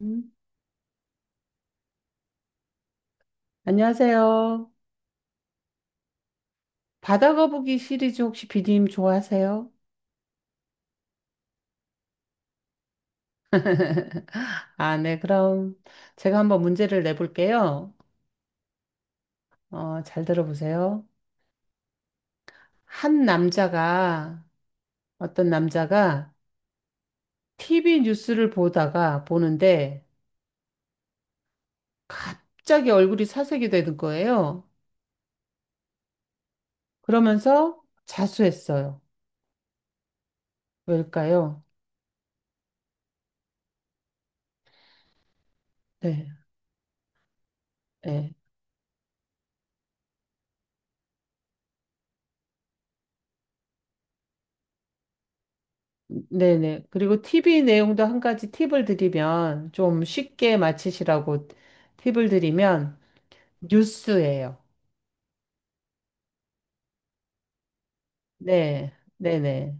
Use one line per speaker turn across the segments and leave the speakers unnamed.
음. 안녕하세요. 바다 거북이 시리즈 혹시 비디님 좋아하세요? 아, 네. 그럼 제가 한번 문제를 내볼게요. 잘 들어보세요. 한 남자가, 어떤 남자가 TV 뉴스를 보다가 보는데 갑자기 얼굴이 사색이 되는 거예요. 그러면서 자수했어요. 왜일까요? 네. 네. 네네. 그리고 TV 내용도 한 가지 팁을 드리면, 좀 쉽게 맞히시라고 팁을 드리면, 뉴스예요. 네, 네네.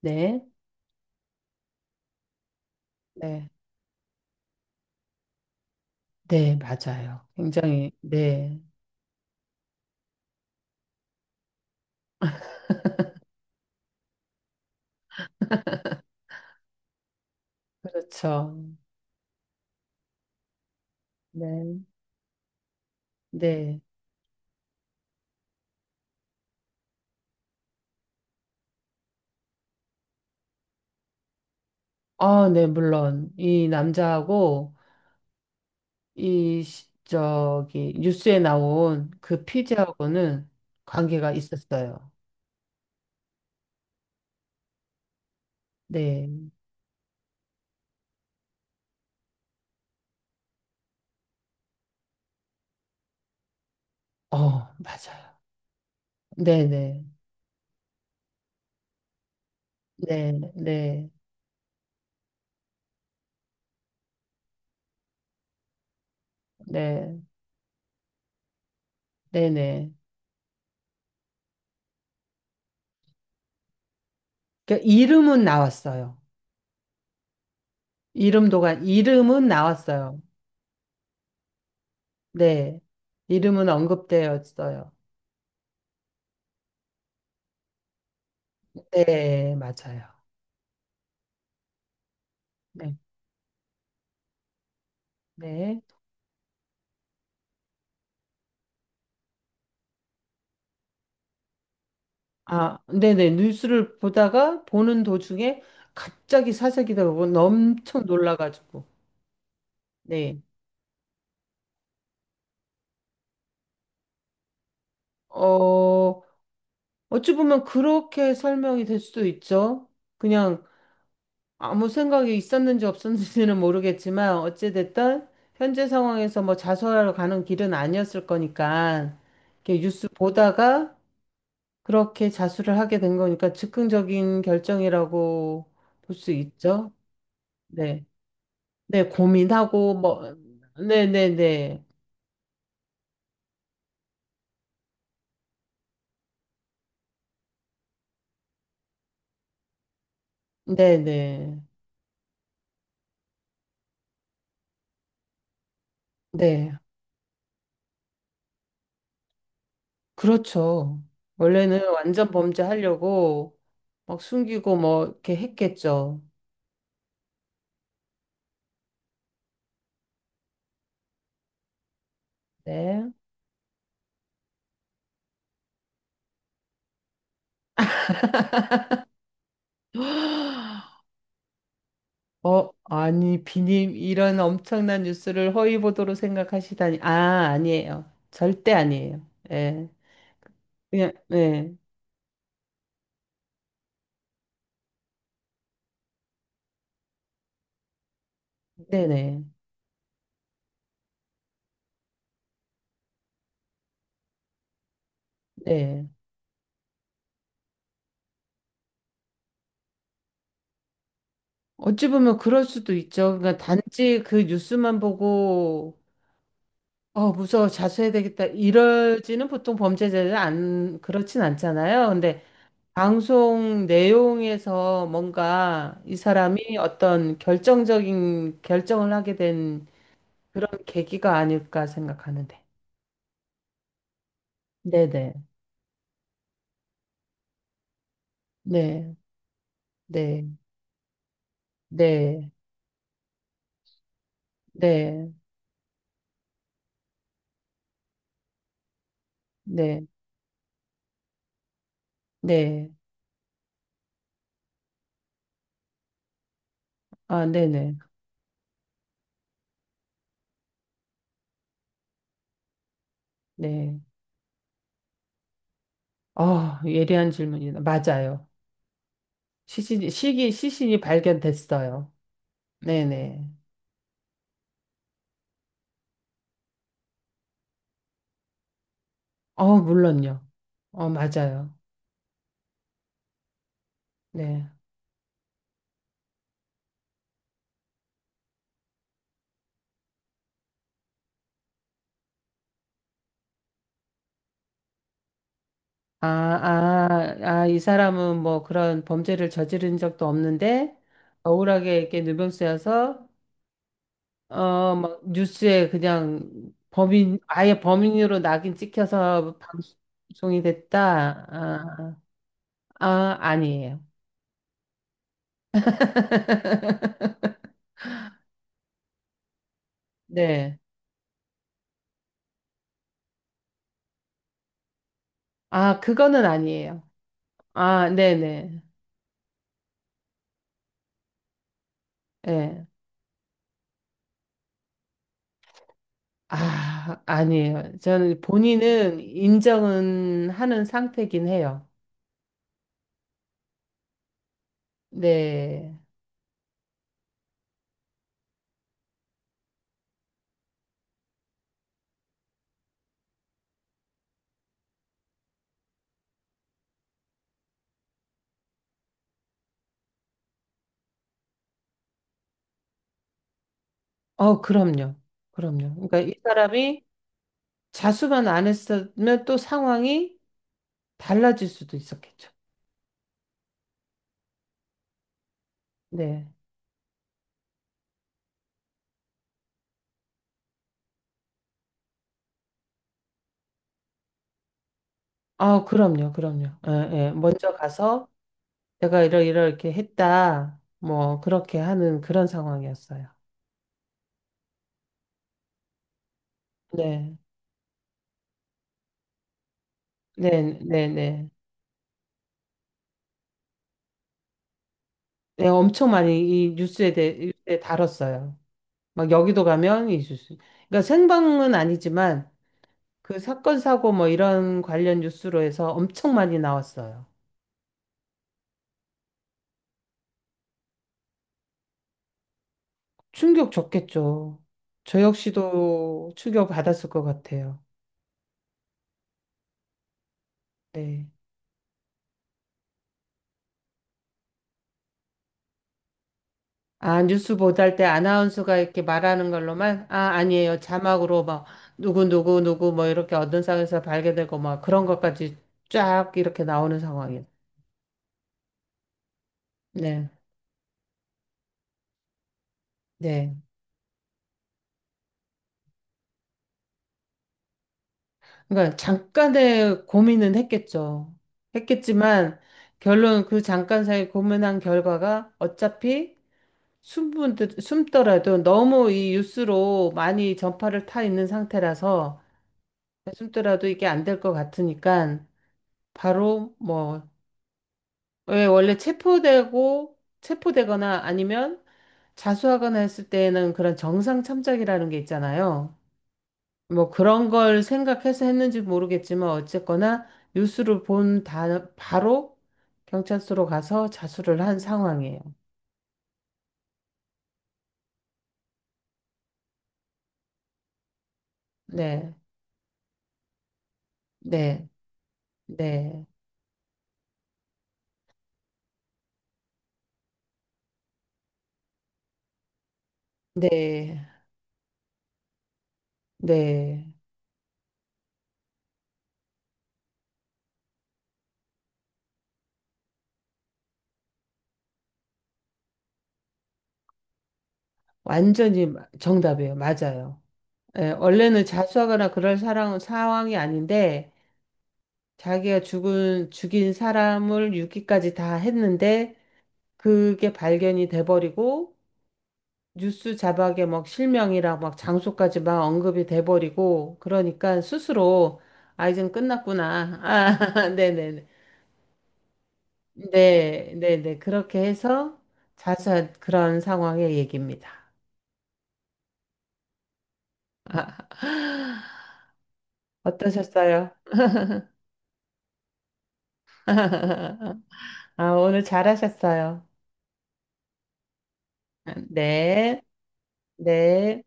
네, 네. 네, 맞아요. 굉장히, 네. 그렇죠. 네, 네. 아, 네, 물론. 이 남자하고, 뉴스에 나온 그 피지하고는 관계가 있었어요. 네. 어, 맞아요. 네네. 네, 네. 네, 네네. 그러니까 이름은 나왔어요. 이름은 나왔어요. 네. 이름은 언급되었어요. 네, 맞아요. 네, 네. 아, 네네. 뉴스를 보다가 보는 도중에 갑자기 사재기가 오고 엄청 놀라가지고. 네. 어, 어찌 보면 그렇게 설명이 될 수도 있죠. 그냥 아무 생각이 있었는지 없었는지는 모르겠지만 어찌됐든 현재 상황에서 뭐 자수하러 가는 길은 아니었을 거니까 이렇게 뉴스 보다가 그렇게 자수를 하게 된 거니까 즉흥적인 결정이라고 볼 수 있죠. 네. 네, 고민하고 뭐 네, 네, 네. 네, 네. 네. 그렇죠. 원래는 완전 범죄하려고 막 숨기고 뭐 이렇게 했겠죠. 네. 어, 아니, 비님, 이런 엄청난 뉴스를 허위 보도로 생각하시다니. 아, 아니에요. 절대 아니에요. 예. 그냥, 네. 네네. 네. 어찌 보면 그럴 수도 있죠. 그러니까 단지 그 뉴스만 보고, 어, 무서워, 자수해야 되겠다. 이러지는 보통 범죄자들은 안, 그렇진 않잖아요. 근데 방송 내용에서 뭔가 이 사람이 어떤 결정적인 결정을 하게 된 그런 계기가 아닐까 생각하는데. 네네. 네. 네. 네. 네. 네. 네. 아, 네네. 네. 아, 예리한 질문이다. 맞아요. 시신이 발견됐어요. 네네. 어, 물론요. 어, 맞아요. 네. 아, 이 사람은 뭐 그런 범죄를 저지른 적도 없는데, 억울하게 이렇게 누명쓰여서 어, 막 뉴스에 그냥 범인, 아예 범인으로 낙인 찍혀서 방송이 됐다. 아, 아니에요. 네. 아, 그거는 아니에요. 아, 네네. 예. 아, 아니에요. 저는 본인은 인정은 하는 상태긴 해요. 네. 어, 그럼요. 그럼요. 그러니까 이 사람이 자수만 안 했으면 또 상황이 달라질 수도 있었겠죠. 네. 아, 그럼요, 그럼요. 예, 예. 먼저 가서 제가 이러 이렇게 했다. 뭐 그렇게 하는 그런 상황이었어요. 네, 네, 네, 네. 네, 엄청 많이 이 뉴스에 대해 뉴스에 다뤘어요. 막 여기도 가면 이 뉴스. 그러니까 생방은 아니지만 그 사건 사고 뭐 이런 관련 뉴스로 해서 엄청 많이 나왔어요. 충격 줬겠죠. 저 역시도 충격 받았을 것 같아요. 네. 아, 뉴스 보도할 때 아나운서가 이렇게 말하는 걸로만? 아, 아니에요. 자막으로 막, 누구, 누구, 누구, 뭐, 이렇게 어떤 상황에서 발견되고, 막, 그런 것까지 쫙 이렇게 나오는 상황이에요. 네, 네. 그러니까, 잠깐의 고민은 했겠죠. 했겠지만, 결론, 그 잠깐 사이 고민한 결과가 어차피 숨더라도 너무 이 뉴스로 많이 전파를 타 있는 상태라서, 숨더라도 이게 안 될 것 같으니까, 바로 뭐, 왜 원래 체포되고 체포되거나 아니면 자수하거나 했을 때에는 그런 정상 참작이라는 게 있잖아요. 뭐 그런 걸 생각해서 했는지 모르겠지만 어쨌거나 바로 경찰서로 가서 자수를 한 상황이에요. 네, 네, 네, 네, 네. 정답이에요. 맞아요. 예, 원래는 자수하거나 그럴 상황이 아닌데 자기가 죽인 사람을 유기까지 다 했는데 그게 발견이 돼버리고 뉴스 자막에 막 실명이랑 막 장소까지 막 언급이 돼버리고 그러니까 스스로 아, 이젠 끝났구나. 아, 네네네. 네, 네네. 그렇게 해서 자수한 그런 상황의 얘기입니다. 어떠셨어요? 아, 오늘 잘하셨어요. 네, 네.